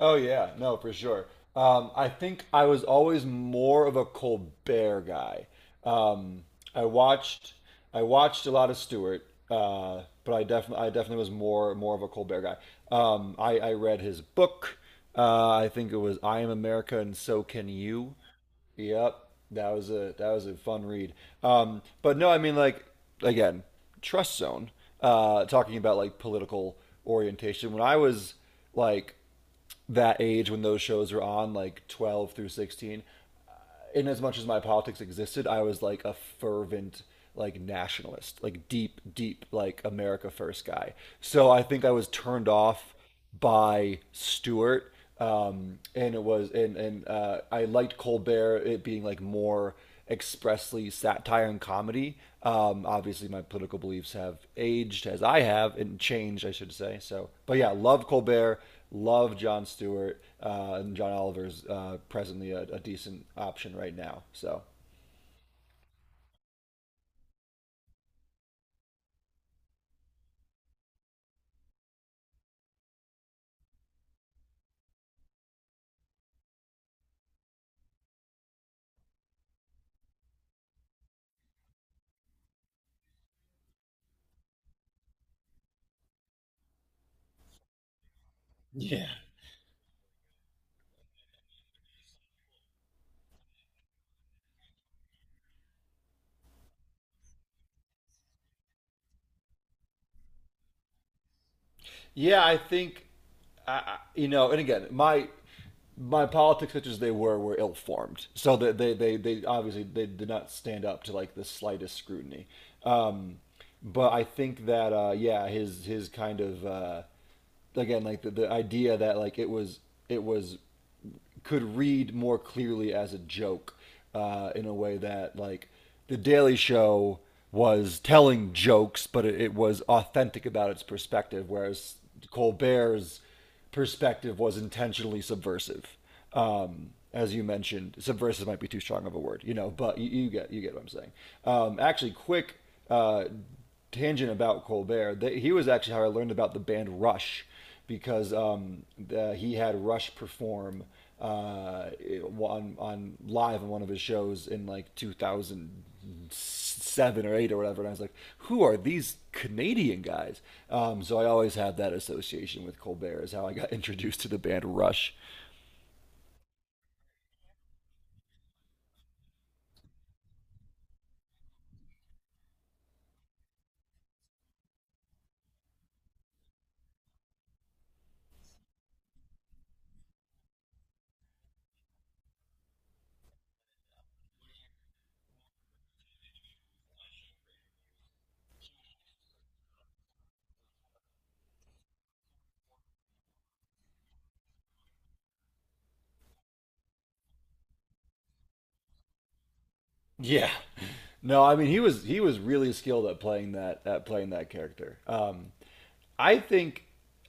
Oh yeah, no, for sure. I think I was always more of a Colbert guy. Um, I watched I watched a lot of Stewart, but I definitely was more of a Colbert guy. I read his book. I think it was I Am America and So Can You. Yep, that was a fun read. But no, I mean, like, again, Trust Zone. Talking about like political orientation. When I was like that age when those shows were on, like 12 through 16, in as much as my politics existed, I was like a fervent like nationalist, like deep, deep like America first guy. So I think I was turned off by Stewart. And it was and I liked Colbert it being like more expressly satire and comedy. Obviously, my political beliefs have aged as I have and changed, I should say. So, but yeah, love Colbert. Love John Stewart and John Oliver's presently a decent option right now. So yeah. Yeah, I think and again, my politics, such as they were ill formed. So that they obviously they did not stand up to like the slightest scrutiny. Um, but I think that yeah, his kind of again like the idea that like it was could read more clearly as a joke in a way that like the Daily Show was telling jokes, but it was authentic about its perspective, whereas Colbert's perspective was intentionally subversive. As you mentioned, subversive might be too strong of a word, you know, but you get what I'm saying. Actually, quick uh, tangent about Colbert, he was actually how I learned about the band Rush because he had Rush perform uh, on live on one of his shows in like 2007 or eight or whatever, and I was like, who are these Canadian guys? So I always had that association with Colbert is how I got introduced to the band Rush. Yeah. No, I mean he was really skilled at playing that character. I think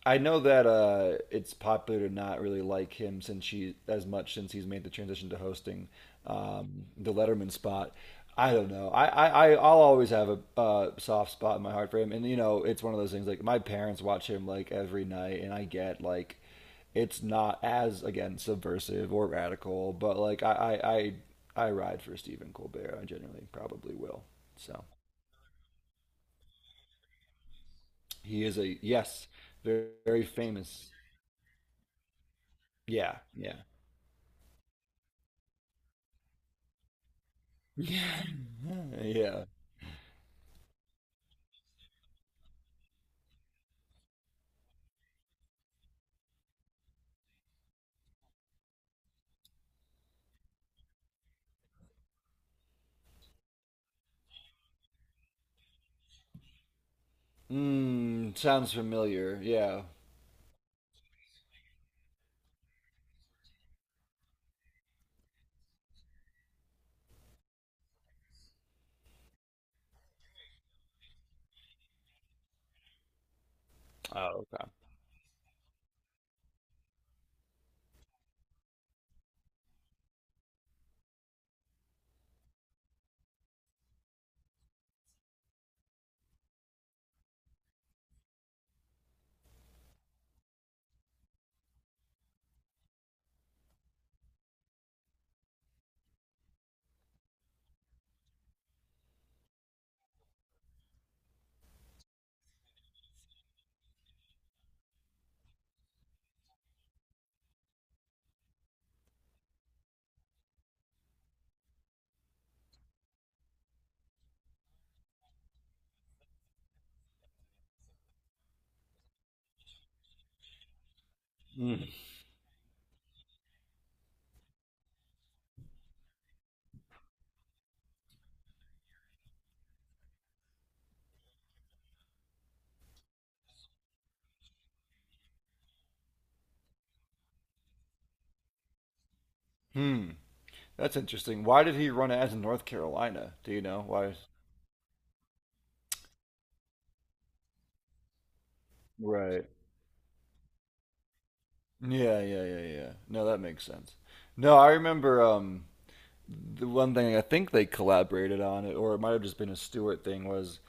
I know that it's popular to not really like him since he as much since he's made the transition to hosting the Letterman spot. I don't know. I'll always have a soft spot in my heart for him, and you know it's one of those things like my parents watch him like every night, and I get like it's not as again subversive or radical, but like I ride for Stephen Colbert. I genuinely probably will. So he is a, yes, very, very famous. Yeah, yeah, yeah, yeah. Mm, sounds familiar. Yeah. Oh, okay. Mm. Hmm. That's interesting. Why did he run ads in North Carolina? Do you know why? Right. Yeah, yeah, yeah, yeah. No, that makes sense. No, I remember. The one thing I think they collaborated on, or it might have just been a Stewart thing, was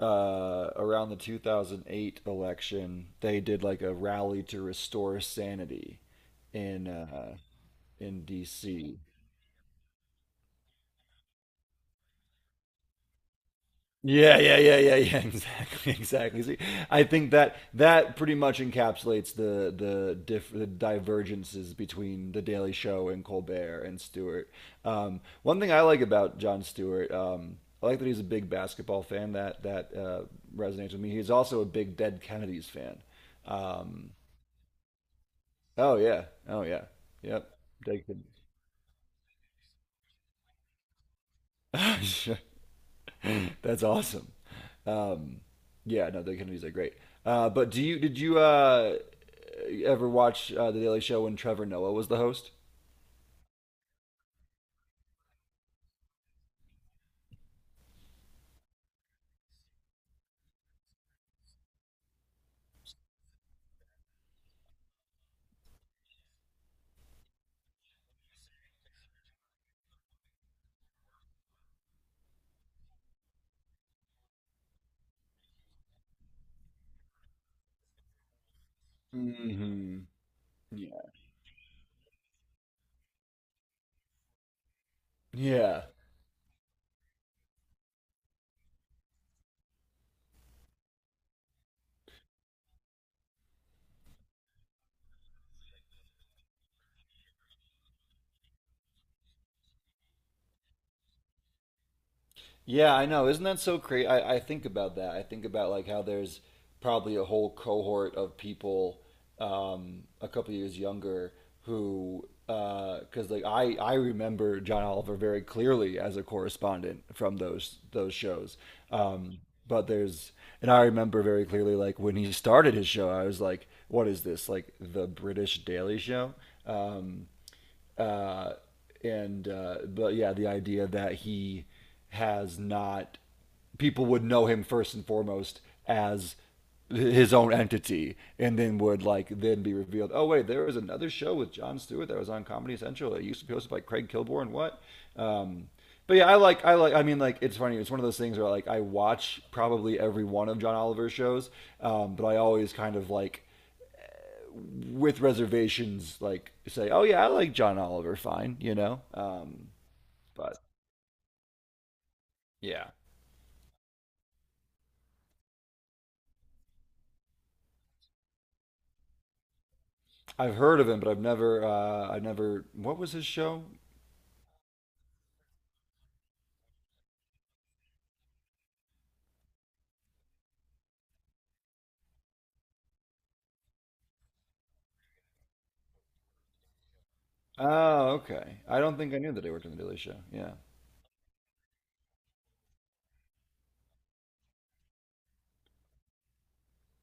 around the 2008 election, they did like a rally to restore sanity in uh, in D.C. Yeah, yeah, yeah, yeah, yeah. Exactly, exactly. See, I think that that pretty much encapsulates the divergences between the Daily Show and Colbert and Stewart. One thing I like about John Stewart, I like that he's a big basketball fan. That resonates with me. He's also a big Dead Kennedys fan. Um, oh yeah, oh yeah, yep. Dead Kennedys. That's awesome. Um, yeah, no, the Kennedys are great. But do you did you ever watch the Daily Show when Trevor Noah was the host? Mm-hmm. Yeah. Yeah. Yeah, I know. Isn't that so crazy? I think about that. I think about like how there's probably a whole cohort of people a couple years younger who, because like I remember John Oliver very clearly as a correspondent from those shows. Um, but there's, and I remember very clearly like when he started his show, I was like, what is this? Like the British Daily Show? Um, uh, and But yeah, the idea that he has not people would know him first and foremost as his own entity and then would like then be revealed, oh wait, there was another show with John Stewart that was on Comedy Central that used to be hosted by Craig Kilborn and what. um but yeah, I like, I mean, like, it's funny, it's one of those things where like I watch probably every one of John Oliver's shows. But I always kind of like with reservations, like say, oh yeah, I like John Oliver, fine. But yeah, I've heard of him, but I never. What was his show? Oh, okay. I don't think I knew that he worked on the Daily Show. Yeah.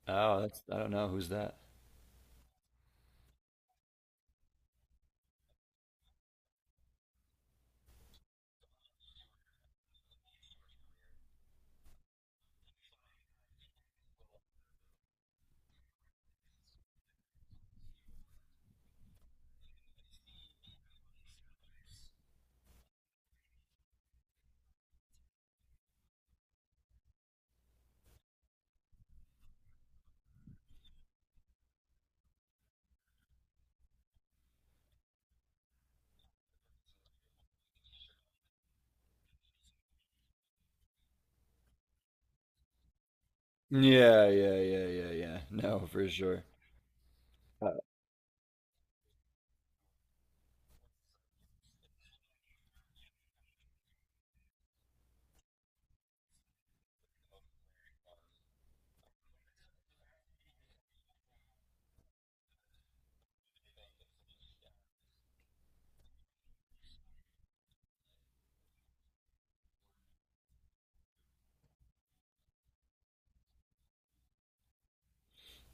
Oh, that's I don't know who's that. Yeah, yeah, yeah, yeah, yeah. No, for sure. Uh,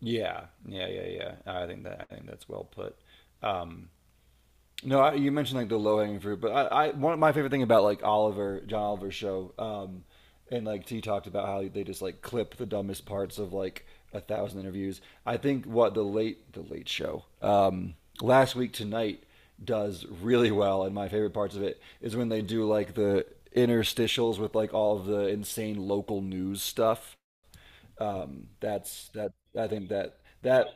yeah, yeah, yeah, yeah. I think that's well put. Um, No, you mentioned like the low hanging fruit, but I one of my favorite thing about like Oliver John Oliver's show, and like T talked about how they just like clip the dumbest parts of like a thousand interviews. I think what the late show last week tonight does really well, and my favorite parts of it is when they do like the interstitials with like all of the insane local news stuff, that's that. I think that that.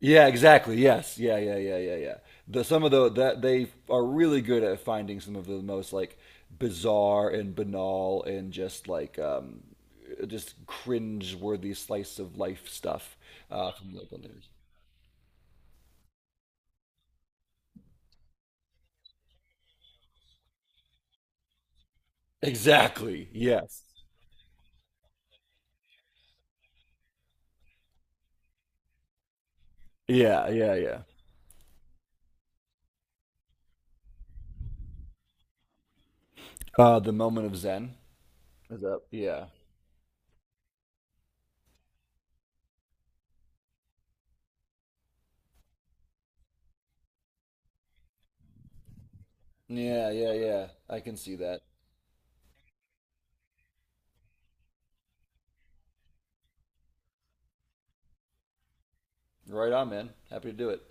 Yeah, exactly. Yes. Yeah. Yeah. Yeah. Yeah. Yeah. The some of the that They are really good at finding some of the most like bizarre and banal and just like just cringe-worthy slice of life stuff from local news. Exactly. Yes. Yeah. Yeah. Yeah. The moment of Zen is up. Yeah. Yeah. Yeah. Yeah. I can see that. Right on, man. Happy to do it.